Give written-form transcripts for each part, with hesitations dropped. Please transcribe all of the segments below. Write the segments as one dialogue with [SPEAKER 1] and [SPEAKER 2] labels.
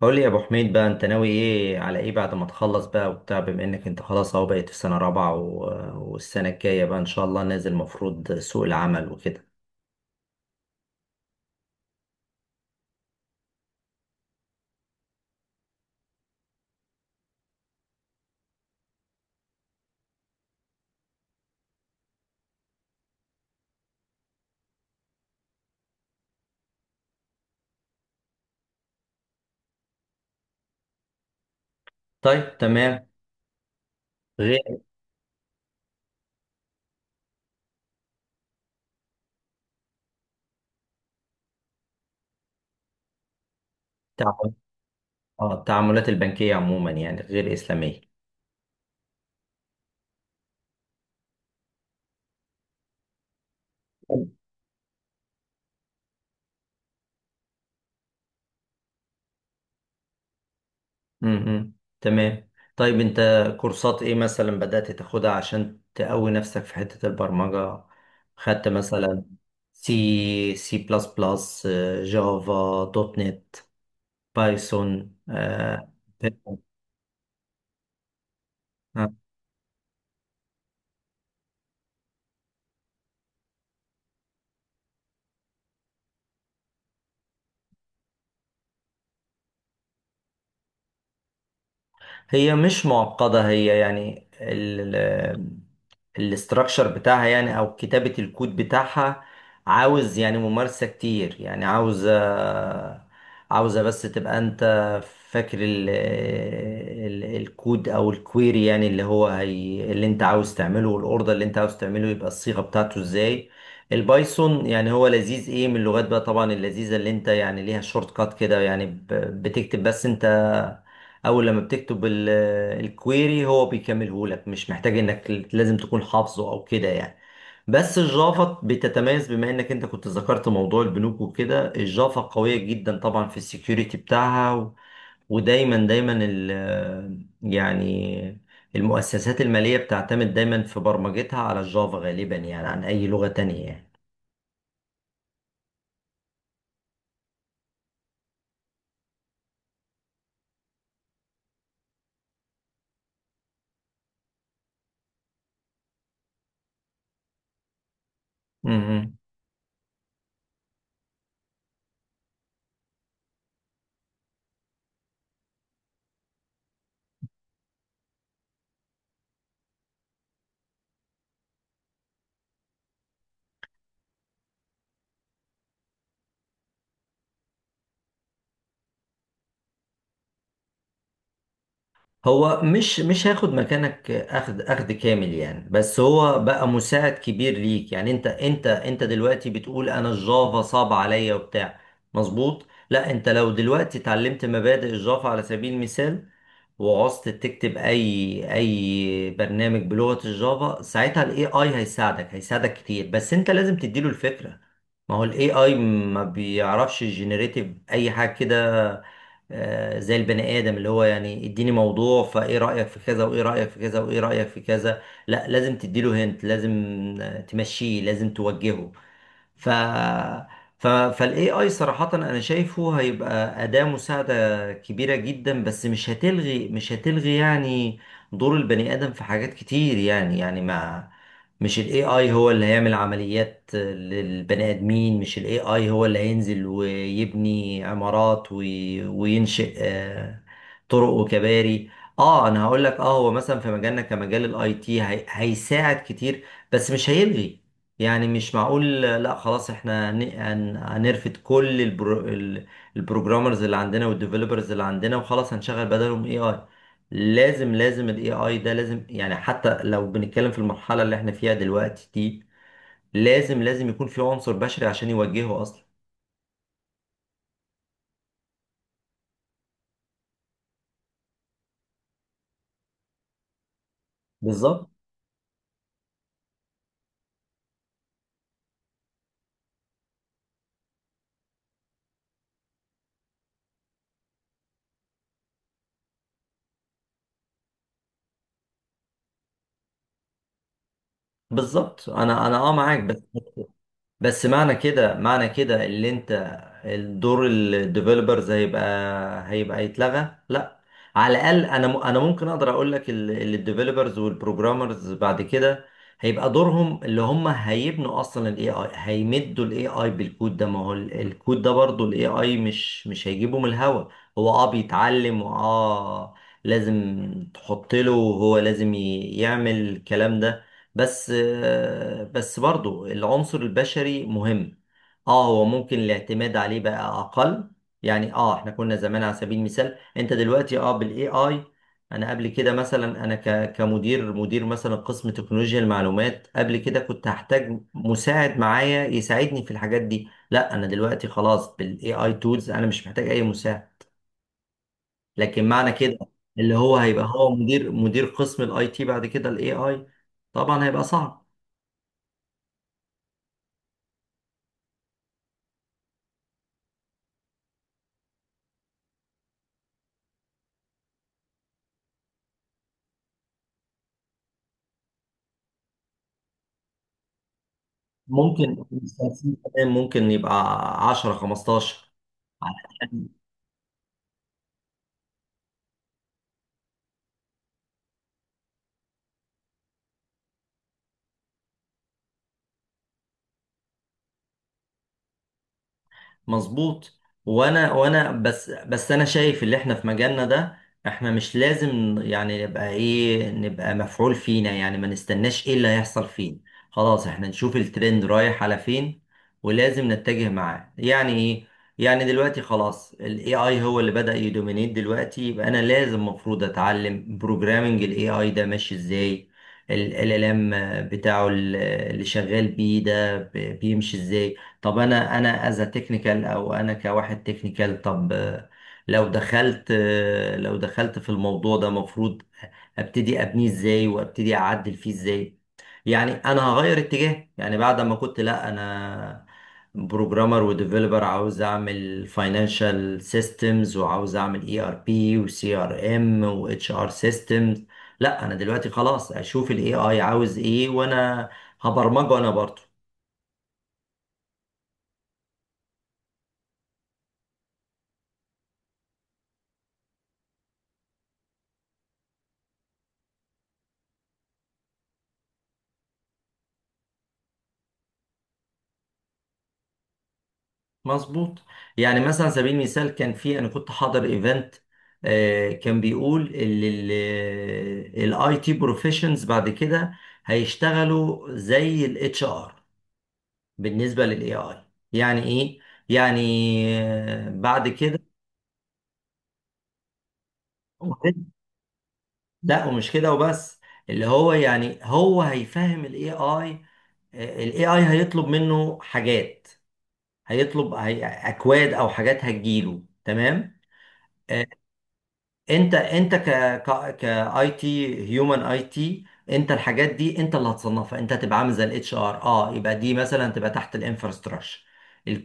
[SPEAKER 1] قول لي يا ابو حميد بقى، انت ناوي ايه على ايه بعد ما تخلص بقى وبتاع؟ بما انك انت خلاص اهو بقيت في سنة رابعة والسنة الجاية بقى ان شاء الله نازل مفروض سوق العمل وكده. طيب تمام. غير التعامل- التعاملات البنكية عموما يعني غير إسلامية. امم تمام. طيب انت كورسات ايه مثلا بدأت تاخدها عشان تقوي نفسك في حتة البرمجة؟ خدت مثلا سي سي بلس بلس، جافا دوت نت، بايثون؟ هي مش معقدة، هي يعني الاستراكشر بتاعها يعني او كتابة الكود بتاعها عاوز يعني ممارسة كتير، يعني عاوزة بس تبقى انت فاكر ال ال الكود او الكويري، يعني اللي هو هي اللي انت عاوز تعمله والاوردر اللي انت عاوز تعمله يبقى الصيغة بتاعته ازاي. البايثون يعني هو لذيذ، ايه من اللغات بقى طبعا اللذيذة اللي انت يعني ليها شورت كات كده، يعني بتكتب، بس انت اول لما بتكتب الكويري هو بيكمله لك، مش محتاج انك لازم تكون حافظه او كده يعني. بس الجافا بتتميز، بما انك انت كنت ذكرت موضوع البنوك وكده، الجافا قوية جدا طبعا في السكيورتي بتاعها ودايما دايما يعني المؤسسات المالية بتعتمد دايما في برمجتها على الجافا غالبا يعني عن اي لغة تانية. يعني هو مش هياخد مكانك، اخد كامل يعني، بس هو بقى مساعد كبير ليك، يعني انت دلوقتي بتقول انا الجافا صعب عليا وبتاع مظبوط؟ لا، انت لو دلوقتي اتعلمت مبادئ الجافا على سبيل المثال، وعوزت تكتب اي برنامج بلغة الجافا، ساعتها الاي اي هيساعدك كتير، بس انت لازم تديله الفكرة. ما هو الاي اي ما بيعرفش جينيريتيف اي حاجة كده، زي البني ادم اللي هو يعني اديني موضوع، فايه رايك في كذا وايه رايك في كذا وايه رايك في كذا. لا، لازم تديله، هنت لازم تمشيه، لازم توجهه. ف ف فالاي اي صراحة انا شايفه هيبقى أداة مساعدة كبيرة جدا، بس مش هتلغي يعني دور البني آدم في حاجات كتير، يعني يعني ما مش الاي اي هو اللي هيعمل عمليات للبني آدمين، مش الاي اي هو اللي هينزل ويبني عمارات وينشئ طرق وكباري. اه انا هقول لك، اه هو مثلا في مجالنا كمجال الاي تي هيساعد كتير بس مش هيلغي. يعني مش معقول لا خلاص احنا هنرفد كل البروجرامرز اللي عندنا والديفلوبرز اللي عندنا وخلاص هنشغل بدلهم اي اي. لازم الاي اي ده لازم، يعني حتى لو بنتكلم في المرحلة اللي احنا فيها دلوقتي دي لازم يكون في عنصر بشري عشان يوجهه اصلا. بالظبط. بالظبط، انا اه معاك، بس معنى كده، معنى كده اللي انت الدور الديفلوبرز هيبقى، هيبقى يتلغى؟ لا، على الاقل انا انا ممكن اقدر اقول لك الديفلوبرز والبروجرامرز بعد كده هيبقى دورهم اللي هم هيبنوا اصلا الاي اي، هيمدوا الاي اي بالكود ده. ما هو الكود ده برضو الاي اي مش هيجيبه من الهوا، هو اه بيتعلم واه لازم تحط له، هو لازم يعمل الكلام ده. بس بس برضو العنصر البشري مهم. اه هو ممكن الاعتماد عليه بقى اقل يعني. اه احنا كنا زمان على سبيل المثال، انت دلوقتي اه بالاي اي، انا قبل كده مثلا انا كمدير مثلا قسم تكنولوجيا المعلومات، قبل كده كنت هحتاج مساعد معايا يساعدني في الحاجات دي. لا انا دلوقتي خلاص بالاي اي تولز انا مش محتاج اي مساعد. لكن معنى كده اللي هو هيبقى هو مدير قسم الاي تي بعد كده الاي اي، طبعا هيبقى صعب. ممكن 50 كمان، ممكن يبقى 10 15. مظبوط. وانا بس انا شايف اللي احنا في مجالنا ده، احنا مش لازم يعني نبقى ايه، نبقى مفعول فينا، يعني ما نستناش ايه اللي هيحصل فينا، خلاص احنا نشوف الترند رايح على فين ولازم نتجه معاه يعني ايه. يعني دلوقتي خلاص الاي اي هو اللي بدأ يدومينيت دلوقتي، يبقى انا لازم، المفروض اتعلم بروجرامنج الاي اي ده ماشي ازاي، ال ام بتاعه اللي شغال بيه ده بيمشي ازاي. طب انا انا از تكنيكال، او انا كواحد تكنيكال، طب لو دخلت، لو دخلت في الموضوع ده مفروض ابتدي ابنيه ازاي وابتدي اعدل فيه ازاي. يعني انا هغير اتجاه يعني بعد ما كنت، لا انا بروجرامر وديفلوبر عاوز اعمل فاينانشال سيستمز وعاوز اعمل اي ار بي وسي ار ام واتش ار سيستمز، لا انا دلوقتي خلاص اشوف الاي اي عاوز ايه وانا هبرمجه انا برضه. مظبوط. يعني مثلا على سبيل المثال كان في، انا كنت حاضر ايفنت، كان بيقول الاي تي بروفيشنز بعد كده هيشتغلوا زي الاتش ار بالنسبه للاي اي. يعني ايه؟ يعني بعد كده. لا ومش كده وبس، اللي هو يعني هو هيفهم الاي اي، الاي اي هيطلب منه حاجات، هيطلب اكواد او حاجات هتجيله تمام. انت انت ك ك كاي تي هيومن اي تي، انت الحاجات دي انت اللي هتصنفها، انت هتبقى عامل زي الاتش ار. اه يبقى دي مثلا تبقى تحت الانفراستراكشر،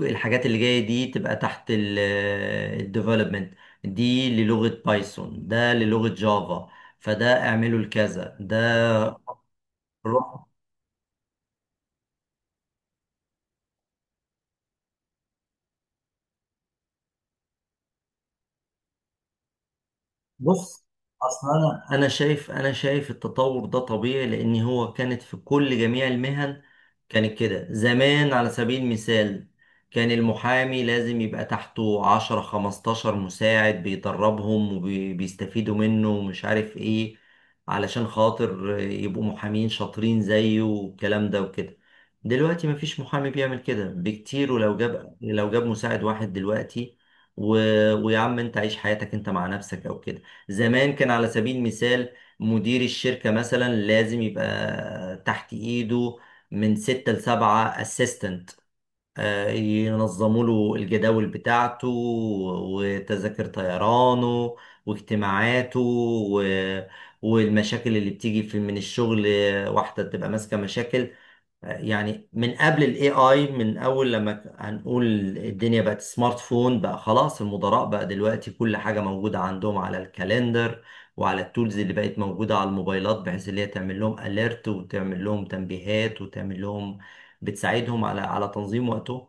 [SPEAKER 1] الحاجات اللي جايه دي تبقى تحت الديفلوبمنت، دي للغه بايثون، ده للغه جافا، فده اعمله لكذا ده. روح بص. اصل انا شايف، انا شايف التطور ده طبيعي، لان هو كانت في كل جميع المهن كانت كده زمان، على سبيل المثال كان المحامي لازم يبقى تحته 10 15 مساعد بيدربهم وبيستفيدوا منه ومش عارف ايه علشان خاطر يبقوا محامين شاطرين زيه والكلام ده وكده. دلوقتي مفيش محامي بيعمل كده بكتير، ولو جاب، لو جاب مساعد واحد دلوقتي و... ويا عم انت عيش حياتك انت مع نفسك او كده. زمان كان على سبيل المثال مدير الشركة مثلا لازم يبقى تحت ايده من ستة لسبعة اسيستنت، ينظموا له الجداول بتاعته وتذاكر طيرانه واجتماعاته و... والمشاكل اللي بتيجي في من الشغل، واحدة تبقى ماسكة مشاكل، يعني من قبل الاي اي. من اول لما هنقول الدنيا بقت سمارت فون بقى، خلاص المدراء بقى دلوقتي كل حاجة موجودة عندهم على الكالندر وعلى التولز اللي بقت موجودة على الموبايلات، بحيث اللي هي تعمل لهم اليرت وتعمل لهم تنبيهات وتعمل لهم، بتساعدهم على، على تنظيم وقته.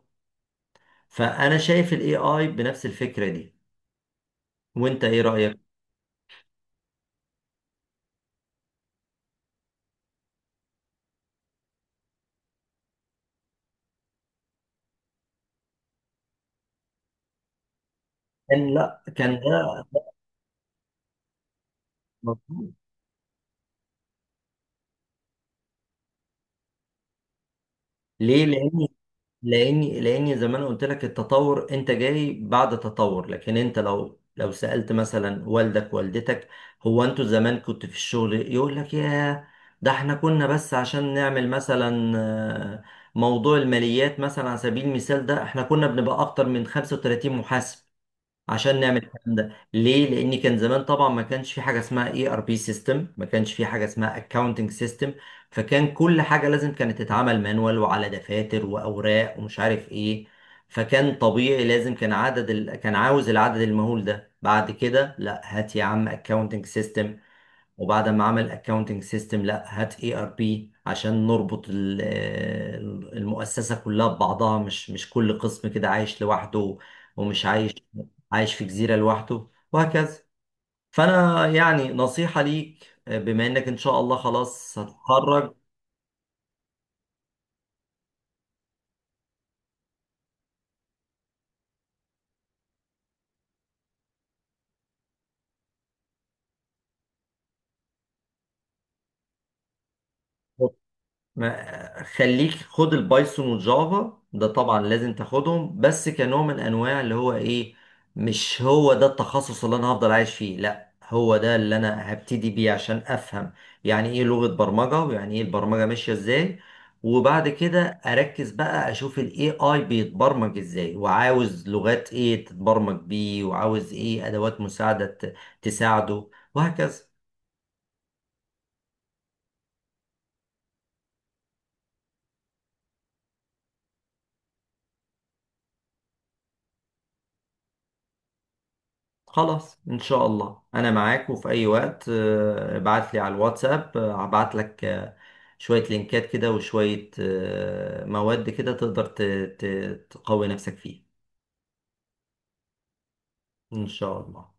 [SPEAKER 1] فانا شايف الاي اي بنفس الفكرة دي، وانت ايه رأيك؟ كان لا كان ده. مظبوط. ليه؟ لاني لاني زي ما انا قلت لك، التطور انت جاي بعد تطور، لكن انت لو سألت مثلا والدك والدتك، هو انتوا زمان كنت في الشغل، يقول لك يا، ده احنا كنا بس عشان نعمل مثلا موضوع الماليات مثلا على سبيل المثال، ده احنا كنا بنبقى اكتر من 35 محاسب عشان نعمل الكلام ده. ليه؟ لان كان زمان طبعا ما كانش في حاجه اسمها اي ار بي سيستم، ما كانش في حاجه اسمها اكاونتنج سيستم، فكان كل حاجه لازم كانت تتعمل مانوال وعلى دفاتر واوراق ومش عارف ايه. فكان طبيعي لازم كان عدد كان عاوز العدد المهول ده. بعد كده لا هات يا عم اكاونتنج سيستم، وبعد ما عمل اكاونتنج سيستم لا هات اي ار بي عشان نربط المؤسسة كلها ببعضها، مش كل قسم كده عايش لوحده، ومش عايش، عايش في جزيرة لوحده، وهكذا. فانا يعني نصيحة ليك، بما انك ان شاء الله خلاص هتتخرج، ما خليك خد البايثون والجافا ده طبعا لازم تاخدهم، بس كنوع من انواع اللي هو ايه، مش هو ده التخصص اللي انا هفضل عايش فيه، لا هو ده اللي انا هبتدي بيه عشان افهم يعني ايه لغة برمجة ويعني ايه البرمجة ماشية ازاي. وبعد كده اركز بقى اشوف الاي اي بيتبرمج ازاي وعاوز لغات ايه تتبرمج بيه وعاوز ايه ادوات مساعدة تساعده، وهكذا. خلاص ان شاء الله انا معاك، وفي اي وقت ابعت لي على الواتساب، هبعت لك شوية لينكات كده وشوية مواد كده تقدر تقوي نفسك فيها. ان شاء الله.